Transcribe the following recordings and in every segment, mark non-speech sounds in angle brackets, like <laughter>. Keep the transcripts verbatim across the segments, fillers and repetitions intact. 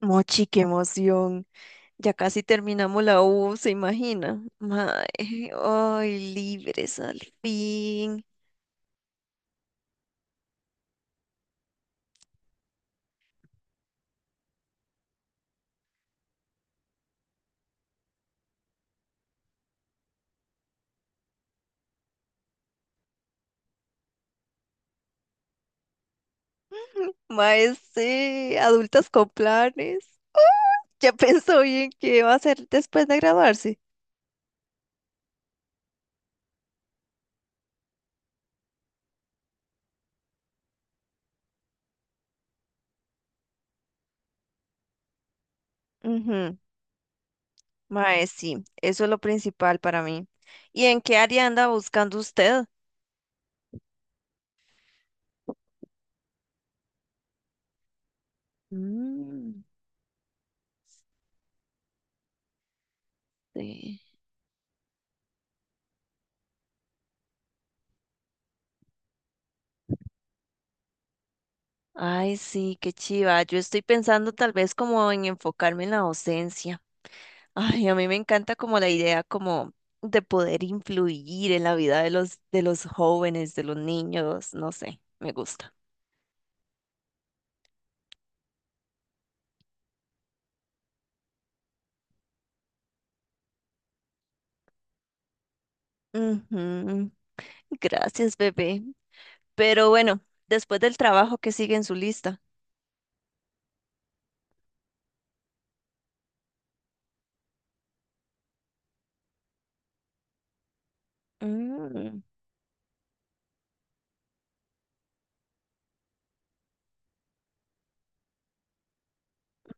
Mochi, qué emoción. Ya casi terminamos la U, ¿se imagina? Mae, ay, libres al fin. <laughs> Mae, sí, adultas con planes. Ya <laughs> pensó bien qué va a hacer después de graduarse. Ujú. Mae, sí, eso es lo principal para mí. ¿Y en qué área anda buscando usted? Mm, sí. Ay, sí, qué chiva. Yo estoy pensando tal vez como en enfocarme en la docencia. Ay, a mí me encanta como la idea como de poder influir en la vida de los, de los jóvenes, de los niños, no sé, me gusta. Ujú. Gracias, bebé. Pero bueno, después del trabajo que sigue en su lista. Mm,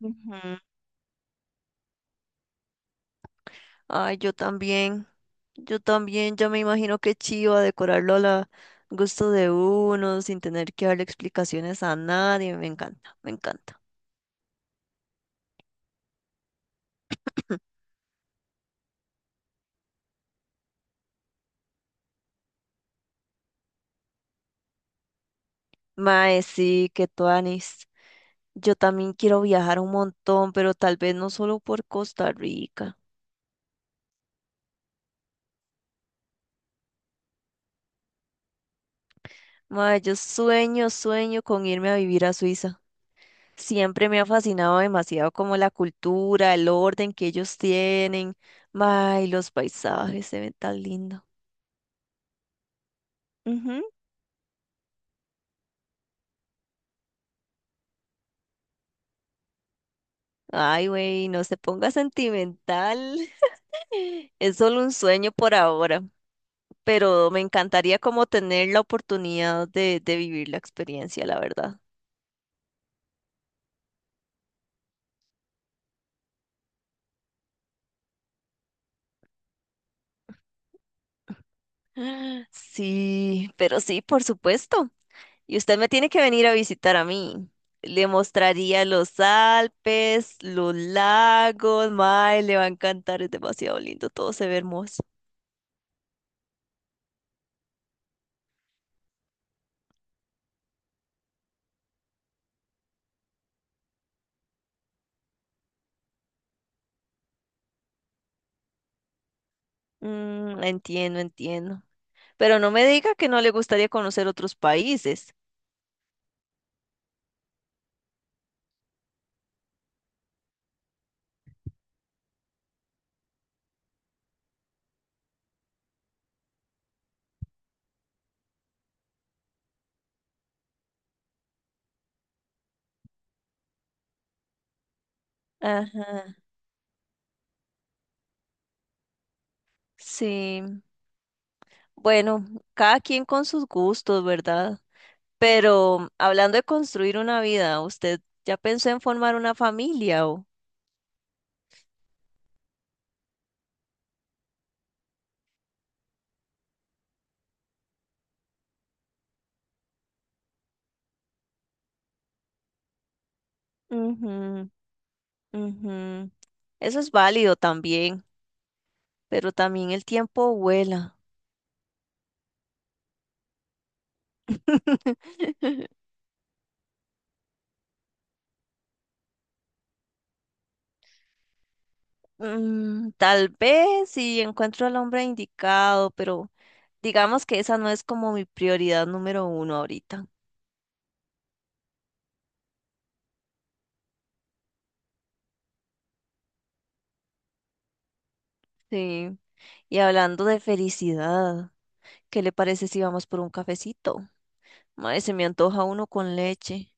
ujú. Ay, yo también. Yo también ya me imagino que chiva decorarlo a la gusto de uno, sin tener que darle explicaciones a nadie. Me encanta, me encanta. Mae, sí, que tuanis. Yo también quiero viajar un montón, pero tal vez no solo por Costa Rica. Mae, yo sueño, sueño con irme a vivir a Suiza. Siempre me ha fascinado demasiado como la cultura, el orden que ellos tienen. Mae, los paisajes se ven tan lindo. Ujú. Ay, güey, no se ponga sentimental. Es solo un sueño por ahora, pero me encantaría como tener la oportunidad de, de vivir la experiencia, la verdad. Sí, pero sí, por supuesto. Y usted me tiene que venir a visitar a mí. Le mostraría los Alpes, los lagos, mae, le va a encantar, es demasiado lindo, todo se ve hermoso. Mm, entiendo, entiendo. Pero no me diga que no le gustaría conocer otros países. Ajá. Sí, bueno, cada quien con sus gustos, ¿verdad? Pero hablando de construir una vida, ¿usted ya pensó en formar una familia? O... Ujú, ujú. Eso es válido también, pero también el tiempo vuela. <laughs> Mm, tal vez si encuentro al hombre indicado, pero digamos que esa no es como mi prioridad número uno ahorita. Sí. Y hablando de felicidad, ¿qué le parece si vamos por un cafecito? Madre, se me antoja uno con leche.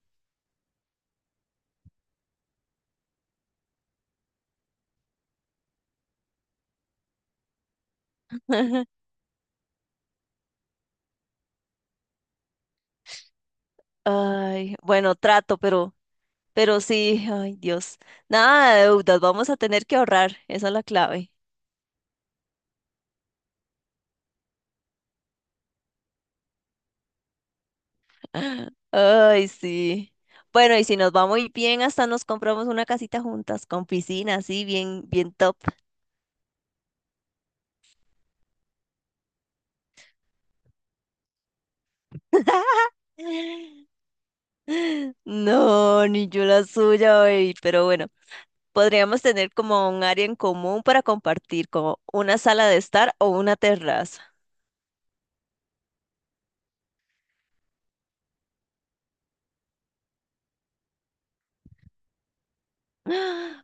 Ay, bueno, trato, pero Pero sí, ay Dios, nada de deudas, vamos a tener que ahorrar, esa es la clave. Ay, sí. Bueno, y si nos va muy bien, hasta nos compramos una casita juntas, con piscina, así, bien, bien top. <gasps> <laughs> No, ni yo la suya, baby, pero bueno, podríamos tener como un área en común para compartir, como una sala de estar o una terraza.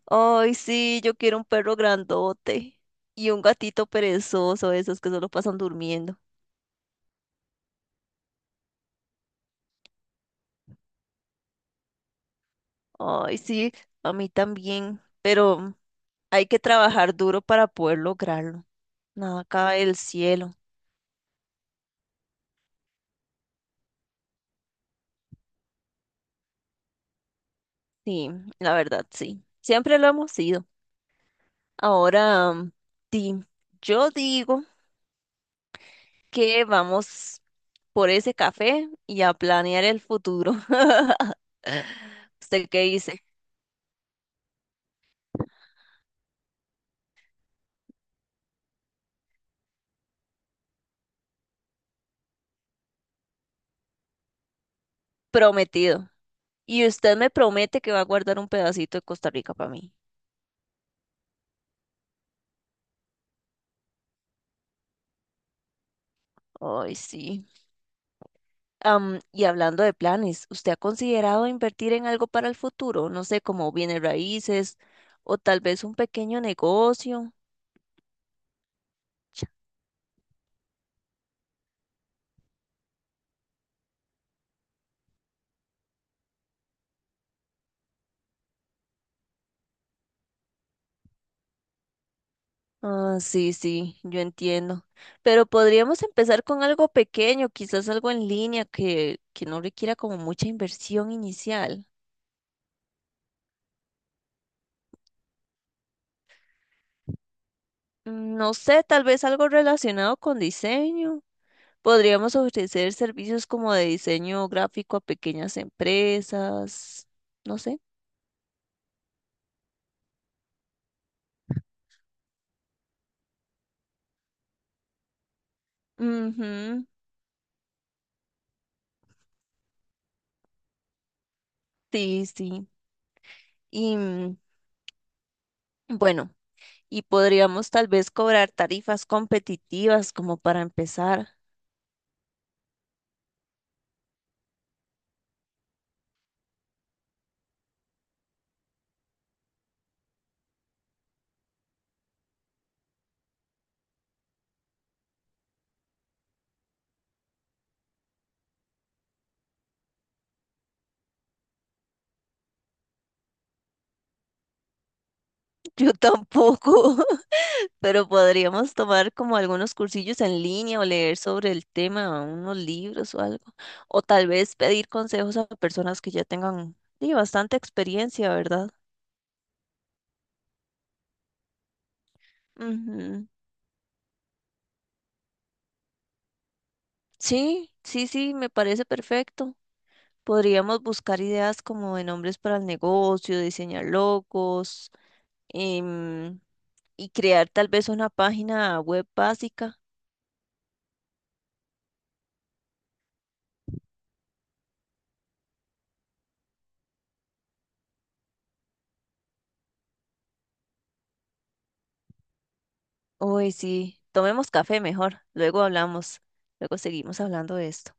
Ay, sí, yo quiero un perro grandote y un gatito perezoso, esos que solo pasan durmiendo. Ay, sí, a mí también, pero hay que trabajar duro para poder lograrlo. Nada cae del cielo. Sí, la verdad, sí. Siempre lo hemos sido. Ahora, mm, sí, yo digo que vamos por ese café y a planear el futuro. <laughs> ¿Usted qué dice? Prometido. Y usted me promete que va a guardar un pedacito de Costa Rica para mí. Ay, sí. Am, y hablando de planes, ¿usted ha considerado invertir en algo para el futuro? No sé, como bienes raíces o tal vez un pequeño negocio. Ah, sí, sí, yo entiendo. Pero podríamos empezar con algo pequeño, quizás algo en línea que, que no requiera como mucha inversión inicial. Mm, no sé, tal vez algo relacionado con diseño. Podríamos ofrecer servicios como de diseño gráfico a pequeñas empresas. No sé. Ujú. Sí, sí. Y mm, bueno, y podríamos tal vez cobrar tarifas competitivas como para empezar. Yo tampoco. <laughs> Pero podríamos tomar como algunos cursillos en línea o leer sobre el tema, unos libros o algo. O tal vez pedir consejos a personas que ya tengan sí, bastante experiencia, ¿verdad? Ujú. Sí, sí, sí, me parece perfecto. Podríamos buscar ideas como de nombres para el negocio, diseñar logos em, y crear tal vez una página web básica. Uy, sí, tomemos café mejor, luego hablamos, luego seguimos hablando de esto.